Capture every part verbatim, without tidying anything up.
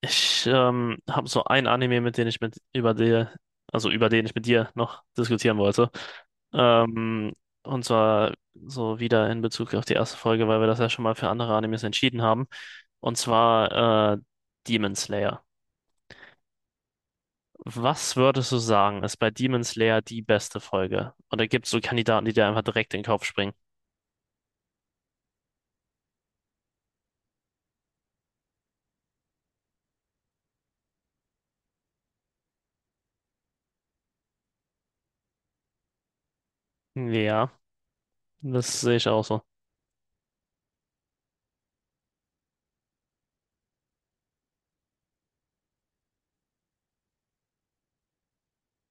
Ich ähm, habe so ein Anime, mit dem ich mit über dir, also über den ich mit dir noch diskutieren wollte. Ähm, und zwar so wieder in Bezug auf die erste Folge, weil wir das ja schon mal für andere Animes entschieden haben. Und zwar äh, Demon Slayer. Was würdest du sagen, ist bei Demon Slayer die beste Folge? Oder gibt es so Kandidaten, die dir einfach direkt in den Kopf springen? Ja, das sehe ich auch so.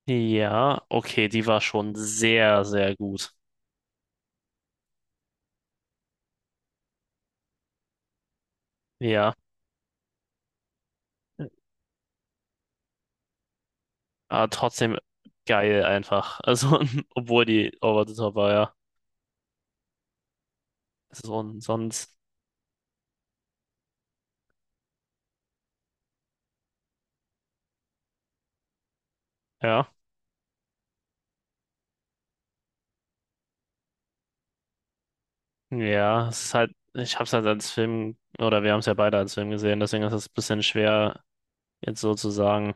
Ja, okay, die war schon sehr, sehr gut. Ja. Aber trotzdem geil einfach. Also, obwohl die over the top war, ja. Das ist un- sonst, ja. Ja, es ist halt, ich hab's halt als Film, oder wir haben es ja beide als Film gesehen, deswegen ist es ein bisschen schwer, jetzt so zu sagen,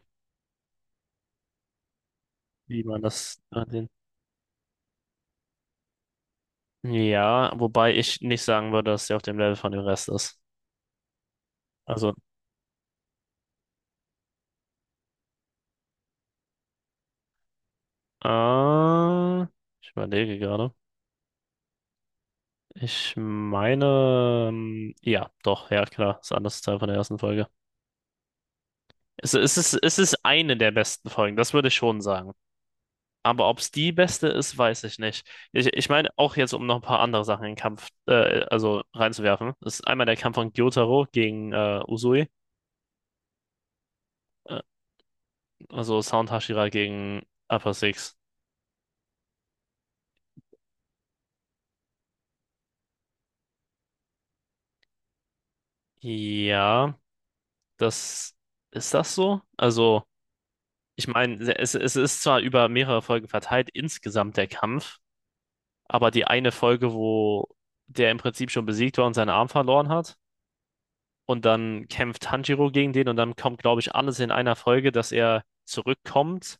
wie man das. an den- Ja, wobei ich nicht sagen würde, dass der auf dem Level von dem Rest ist. Also, äh, ich überlege gerade. Ich meine, ähm, ja, doch, ja, klar, ist ein anderes Teil von der ersten Folge. Es, es ist, es ist eine der besten Folgen, das würde ich schon sagen. Aber ob es die beste ist, weiß ich nicht. Ich, ich meine, auch jetzt, um noch ein paar andere Sachen in den Kampf, äh, also reinzuwerfen, ist einmal der Kampf von Gyotaro gegen äh, Uzui, äh, also Sound Hashira gegen Upper Six. Ja, das ist das so? Also, ich meine, es, es ist zwar über mehrere Folgen verteilt, insgesamt der Kampf, aber die eine Folge, wo der im Prinzip schon besiegt war und seinen Arm verloren hat. Und dann kämpft Tanjiro gegen den und dann kommt, glaube ich, alles in einer Folge, dass er zurückkommt,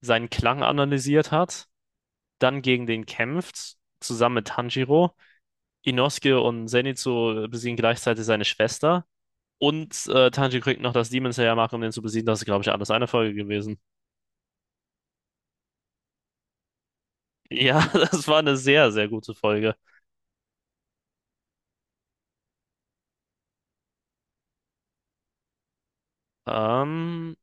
seinen Klang analysiert hat, dann gegen den kämpft, zusammen mit Tanjiro. Inosuke und Zenitsu besiegen gleichzeitig seine Schwester. Und äh, Tanjiro kriegt noch das Demon Slayer Mark, um den zu besiegen. Das ist, glaube ich, alles eine Folge gewesen. Ja, das war eine sehr, sehr gute Folge. Ähm,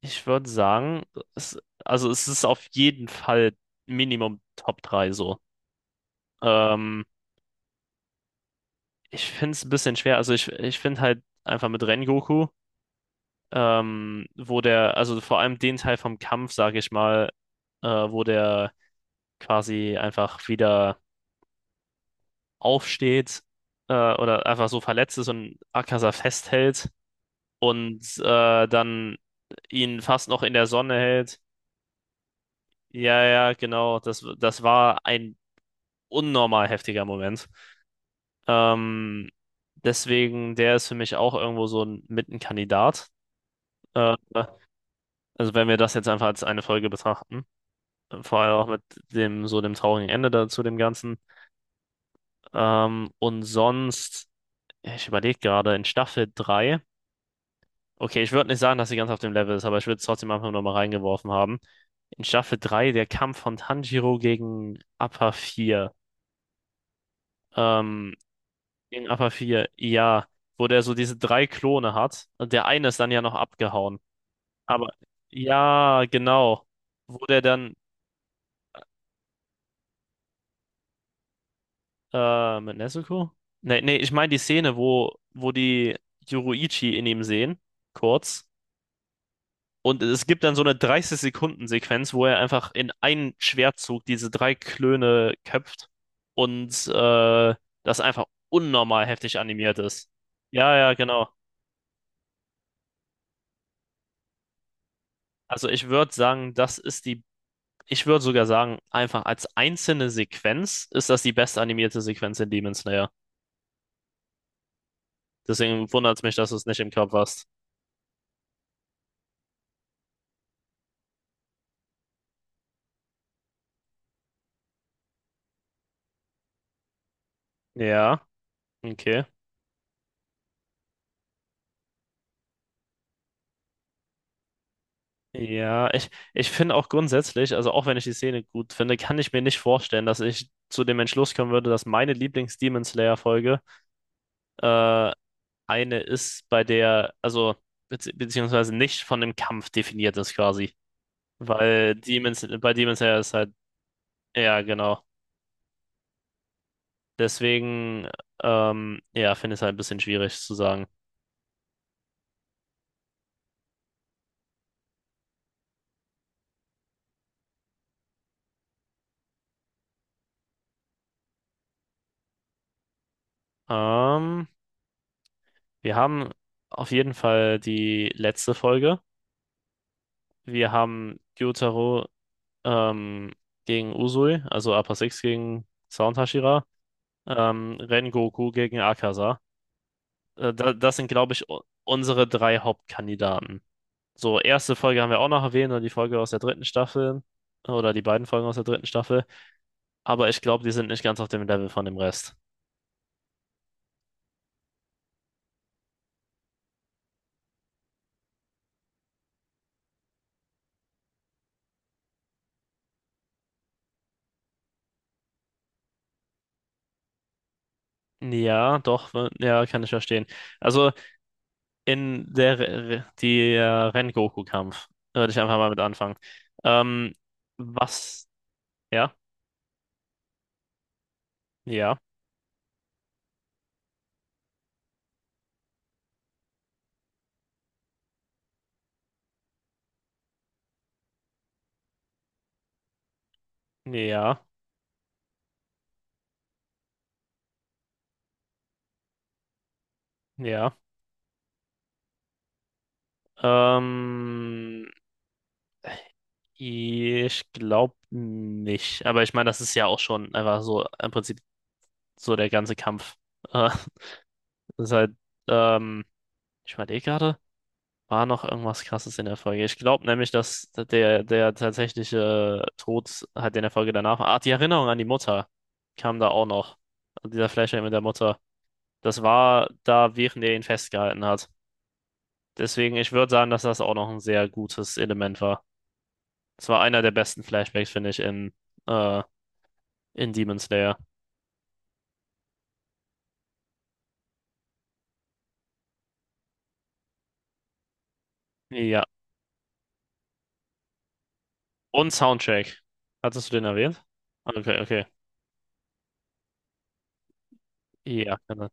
ich würde sagen, es, also es ist auf jeden Fall Minimum Top drei so. Ähm, Ich finde es ein bisschen schwer. Also ich, ich finde halt einfach mit Rengoku, ähm, wo der, also vor allem den Teil vom Kampf, sage ich mal, äh, wo der quasi einfach wieder aufsteht, äh, oder einfach so verletzt ist und Akaza festhält und äh, dann ihn fast noch in der Sonne hält. Ja, ja, genau. Das, das war ein unnormal heftiger Moment. Ähm, deswegen, der ist für mich auch irgendwo so ein Mittenkandidat. Äh, Also wenn wir das jetzt einfach als eine Folge betrachten, äh, vor allem auch mit dem so dem traurigen Ende da zu dem Ganzen. Ähm, und sonst, ich überlege gerade, in Staffel drei, okay, ich würde nicht sagen, dass sie ganz auf dem Level ist, aber ich würde es trotzdem einfach nur mal reingeworfen haben. In Staffel drei der Kampf von Tanjiro gegen Appa vier, Ähm, gegen Appa vier, ja, wo der so diese drei Klone hat. Und der eine ist dann ja noch abgehauen. Aber ja, genau. Wo der dann, Äh, mit Nezuko? Nee, nee, ich meine die Szene, wo, wo die Yoruichi in ihm sehen, kurz. Und es gibt dann so eine dreißig Sekunden Sequenz, wo er einfach in einen Schwertzug diese drei Klöne köpft und äh, das einfach unnormal heftig animiert ist. Ja, ja, genau. Also ich würde sagen, das ist die, ich würde sogar sagen, einfach als einzelne Sequenz ist das die bestanimierte Sequenz in Demon Slayer. Deswegen wundert es mich, dass du es nicht im Kopf hast. Ja, okay. Ja, ich, ich finde auch grundsätzlich, also auch wenn ich die Szene gut finde, kann ich mir nicht vorstellen, dass ich zu dem Entschluss kommen würde, dass meine Lieblings-Demon Slayer-Folge äh, eine ist, bei der, also bezieh- beziehungsweise nicht von dem Kampf definiert ist quasi. Weil Demons, bei Demon Slayer ist halt, ja, genau. Deswegen, ähm, ja, finde ich es halt ein bisschen schwierig zu sagen. Ähm, wir haben auf jeden Fall die letzte Folge. Wir haben Gyutaro, ähm, gegen Uzui, also Upper Six gegen Sound Hashira, ähm, Rengoku gegen Akaza. Äh, da, das sind, glaube ich, u- unsere drei Hauptkandidaten. So, erste Folge haben wir auch noch erwähnt und die Folge aus der dritten Staffel oder die beiden Folgen aus der dritten Staffel, aber ich glaube, die sind nicht ganz auf dem Level von dem Rest. Ja, doch, w- ja, kann ich verstehen. Also in der Re- die äh, Rengoku-Kampf würde ich einfach mal mit anfangen. Ähm, was? Ja, ja, ja, ja. Ähm, ich glaube nicht. Aber ich meine, das ist ja auch schon einfach so im Prinzip so der ganze Kampf. Äh, das ist halt, ähm, ich überlege gerade, war noch irgendwas Krasses in der Folge? Ich glaube nämlich, dass der, der tatsächliche Tod halt in der Folge danach war. Ah, die Erinnerung an die Mutter kam da auch noch. Also dieser Flashback mit der Mutter. Das war da, während er ihn festgehalten hat. Deswegen, ich würde sagen, dass das auch noch ein sehr gutes Element war. Das war einer der besten Flashbacks, finde ich, in, äh, in Demon Slayer. Ja. Und Soundtrack. Hattest du den erwähnt? Okay, okay. Ja, kann er.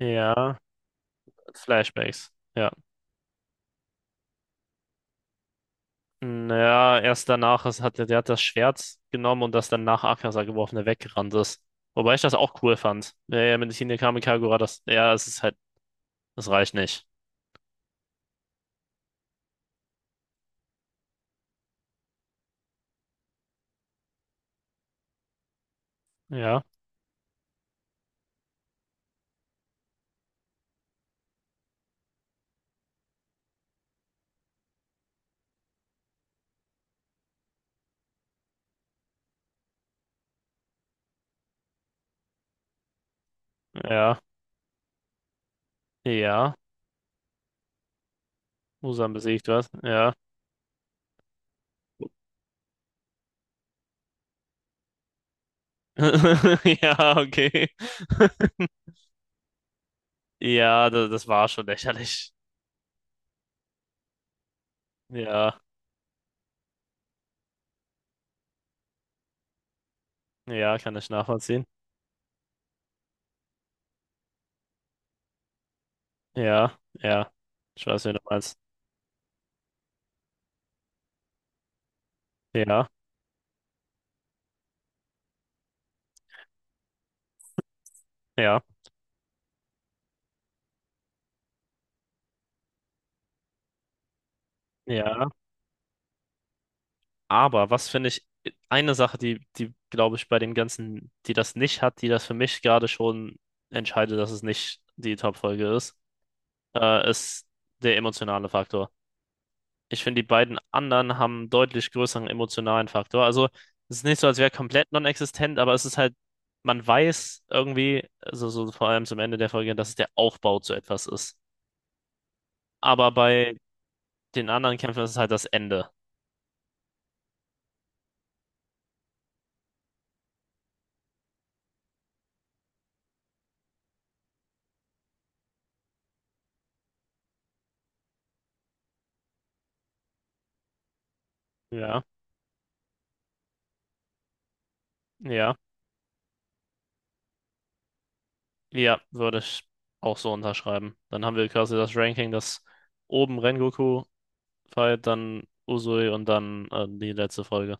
Ja, Flashbacks. Ja. Naja, erst danach ist, hat, der der hat das Schwert genommen und das dann nach Akaza geworfen, der weggerannt ist. Wobei ich das auch cool fand. Ja, ja, mit Hinekami Kagura, das, ja, es ist halt, das reicht nicht. Ja, ja, ja. Muzan besiegt was? Ja. Ja, okay. Ja, das, das war schon lächerlich. Ja, ja, kann ich nachvollziehen. Ja, ja. Ich weiß, wie du meinst. Ja, ja, ja. Aber was finde ich, eine Sache, die, die glaube ich bei dem Ganzen, die das nicht hat, die das für mich gerade schon entscheidet, dass es nicht die Top-Folge ist, äh, ist der emotionale Faktor. Ich finde, die beiden anderen haben einen deutlich größeren emotionalen Faktor. Also, es ist nicht so, als wäre komplett non-existent, aber es ist halt, man weiß irgendwie, also so vor allem zum Ende der Folge, dass es der Aufbau zu etwas ist. Aber bei den anderen Kämpfen ist es halt das Ende. Ja, ja, ja, würde ich auch so unterschreiben. Dann haben wir quasi das Ranking, das oben Rengoku fight, dann Uzui und dann äh, die letzte Folge.